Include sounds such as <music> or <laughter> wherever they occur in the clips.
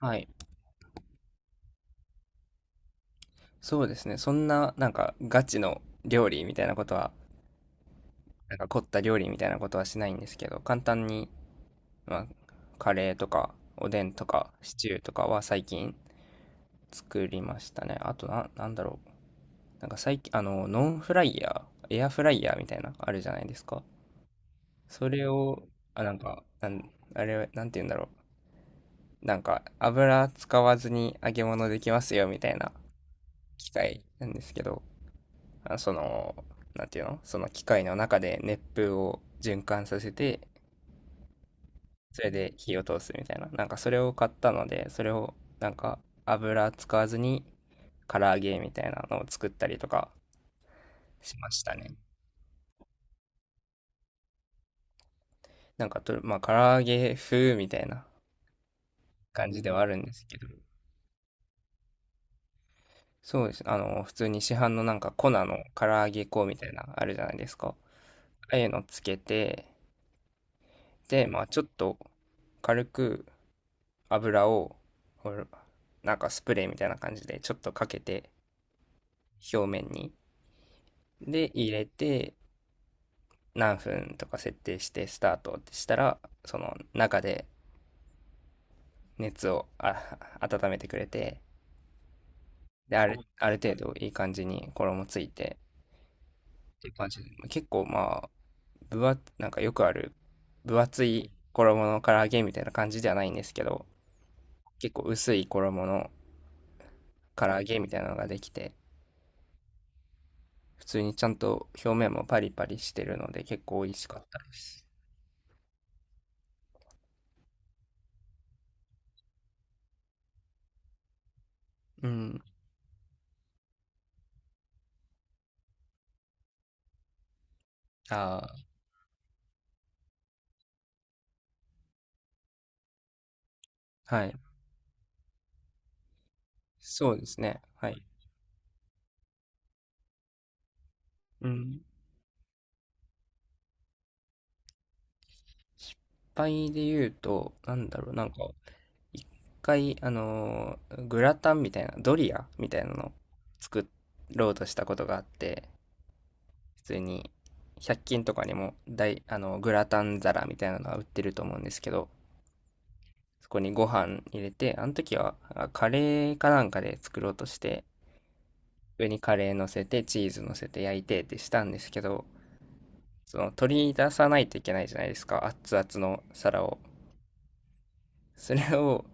はい。そうですね。そんな、なんか、ガチの料理みたいなことは、なんか凝った料理みたいなことはしないんですけど、簡単に、まあ、カレーとか、おでんとか、シチューとかは最近作りましたね。あとな、なんだろう。なんか最近、ノンフライヤー、エアフライヤーみたいな、あるじゃないですか。それを、あ、なんか、あれ、なんて言うんだろう。なんか、油使わずに揚げ物できますよ、みたいな機械なんですけど、その、なんていうのその機械の中で熱風を循環させて、それで火を通すみたいな。なんかそれを買ったので、それをなんか油使わずに唐揚げみたいなのを作ったりとかしましたね。なんかと、まあ唐揚げ風みたいな感じではあるんですけど、そうです。あの、普通に市販のなんか粉の唐揚げ粉みたいな、あるじゃないですか。ああいうのつけて、で、まあちょっと軽く油を、ほなんかスプレーみたいな感じでちょっとかけて表面に。で、入れて何分とか設定してスタートってしたら、その中で熱をあ温めてくれて、で、ある程度いい感じに衣ついて、って感じで。結構まあ、なんかよくある分厚い衣の唐揚げみたいな感じではないんですけど、結構薄い衣の唐揚げみたいなのができて、普通にちゃんと表面もパリパリしてるので結構美味しかったです。うん。ああ、はい。そうですね。はい。うん。失敗で言うと、なんだろう、なんか、一回、グラタンみたいな、ドリアみたいなのを作ろうとしたことがあって、普通に、100均とかにも大、あの、グラタン皿みたいなのが売ってると思うんですけど、そこにご飯入れて、あの時はカレーかなんかで作ろうとして、上にカレー乗せて、チーズ乗せて焼いてってしたんですけど、その取り出さないといけないじゃないですか、熱々の皿を。それを、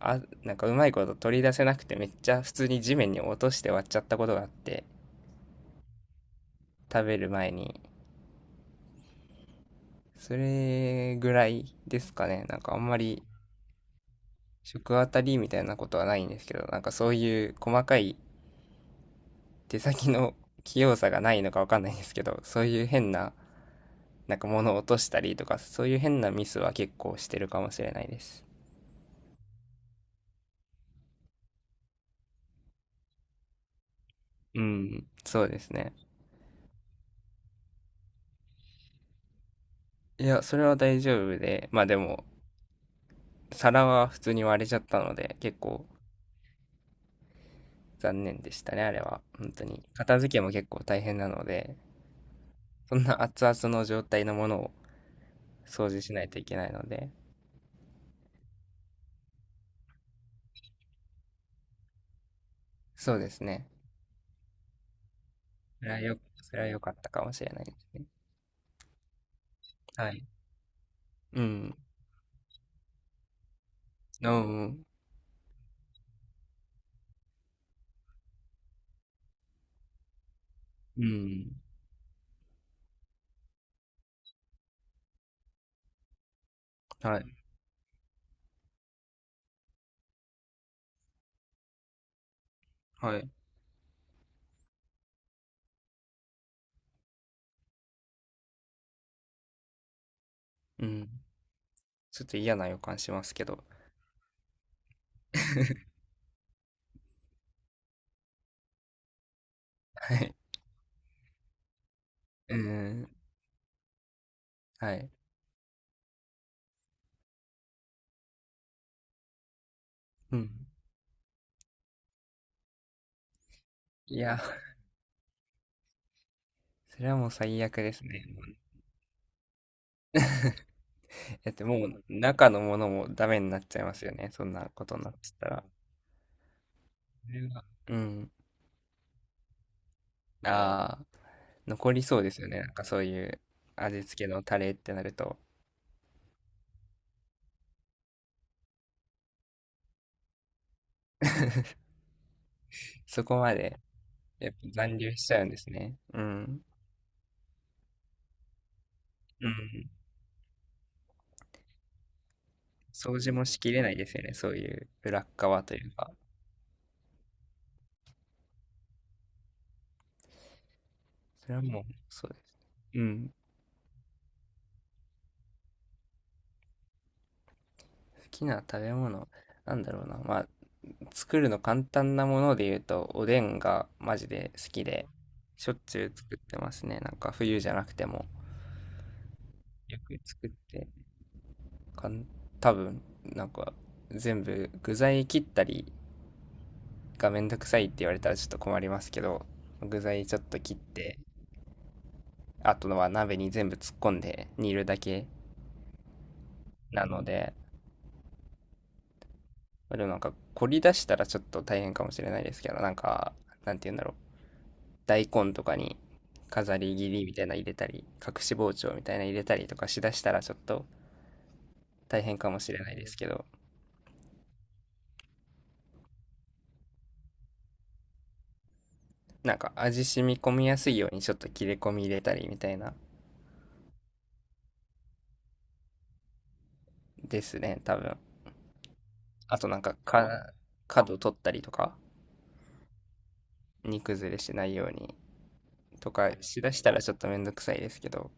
あ、なんかうまいこと取り出せなくてめっちゃ普通に地面に落として割っちゃったことがあって、食べる前に。それぐらいですかね。なんかあんまり食あたりみたいなことはないんですけど、なんかそういう細かい手先の器用さがないのかわかんないんですけど、そういう変ななんか物を落としたりとか、そういう変なミスは結構してるかもしれないです。うん、そうですね。いや、それは大丈夫で、まあでも、皿は普通に割れちゃったので、結構残念でしたね、あれは。本当に。片付けも結構大変なので、そんな熱々の状態のものを掃除しないといけないので、そうですね。それは良かったかもしれないですね。はい。うん。うん。うん。はい。はい。うん。ちょっと嫌な予感しますけど。<laughs> はい。うーん。はい。うん。いや、それはもう最悪ですね。だってもう中のものもダメになっちゃいますよね。そんなことになっちゃったら。それはうん。ああ、残りそうですよね。なんかそういう味付けのタレってなると、そこまでやっぱ残留しちゃうんですね。うん。うん。掃除もしきれないですよね。そういう裏っ側というか。それはもうそうです。うん。好きな食べ物、なんだろうな。まあ、作るの簡単なもので言うと、おでんがマジで好きで、しょっちゅう作ってますね。なんか冬じゃなくても。よく作って、かん、多分、なんか全部具材切ったりがめんどくさいって言われたらちょっと困りますけど、具材ちょっと切って、あとは鍋に全部突っ込んで煮るだけなので、でもなんか凝り出したらちょっと大変かもしれないですけど、なんか、なんて言うんだろう。大根とかに飾り切りみたいなの入れたり、隠し包丁みたいなの入れたりとかしだしたらちょっと大変かもしれないですけど、なんか味染み込みやすいようにちょっと切れ込み入れたりみたいなですね、多分。あとなんか角取ったりとか、煮崩れしないようにとかしだしたらちょっとめんどくさいですけど、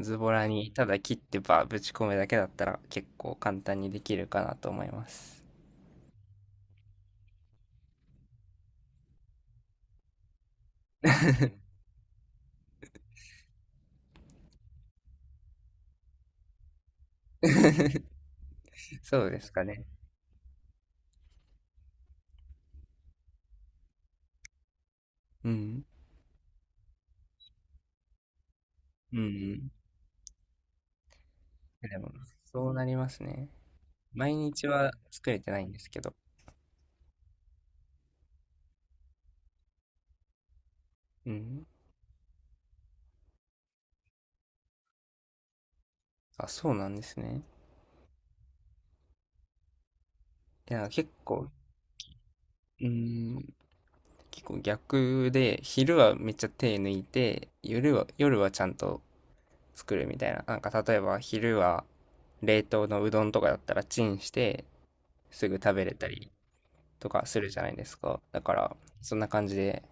ズボラにただ切ってばぶち込むだけだったら結構簡単にできるかなと思います。<laughs> そうですかね。うん。うんうん。でも、そうなりますね。毎日は作れてないんですけど。うん。あ、そうなんですね。いや、結構、うん、結構逆で、昼はめっちゃ手抜いて、夜は、夜はちゃんと作るみたいな。なんか例えば昼は冷凍のうどんとかだったらチンしてすぐ食べれたりとかするじゃないですか。だから、そんな感じで、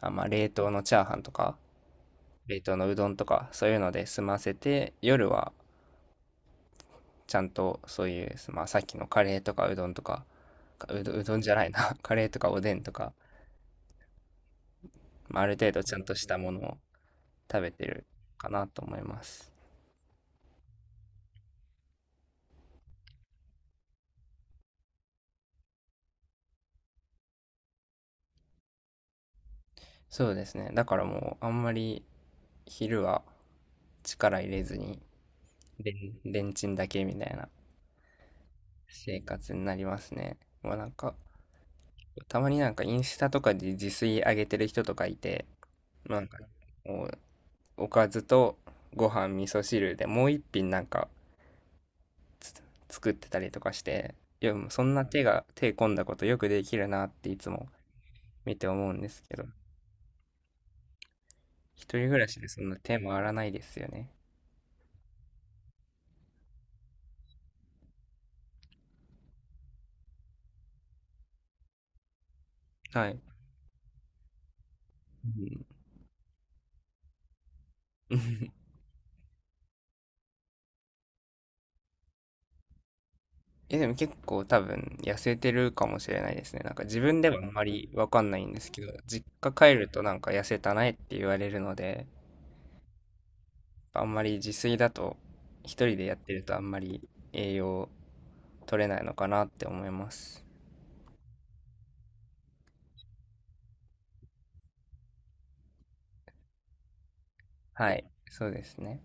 あ、まあ冷凍のチャーハンとか、冷凍のうどんとか、そういうので済ませて、夜はちゃんとそういう、まあ、さっきのカレーとかうどんとか、うどんじゃないな、<laughs> カレーとかおでんとか、まあ、ある程度ちゃんとしたものを食べてるかなと思います。そうですね。だからもうあんまり昼は力入れずに、レンチンだけみたいな生活になりますね。もうなんか、たまになんかインスタとかで自炊上げてる人とかいて、なんか、お、おかずとご飯、味噌汁でもう一品なんか作ってたりとかして、いや、もうそんな手込んだことよくできるなっていつも見て思うんですけど、一人暮らしでそんな手回らないですよね。はい。うん <laughs> いや、でも結構多分痩せてるかもしれないですね。なんか自分ではあんまりわかんないんですけど、実家帰るとなんか痩せたねって言われるので、あんまり自炊だと一人でやってるとあんまり栄養取れないのかなって思います。はい、そうですね。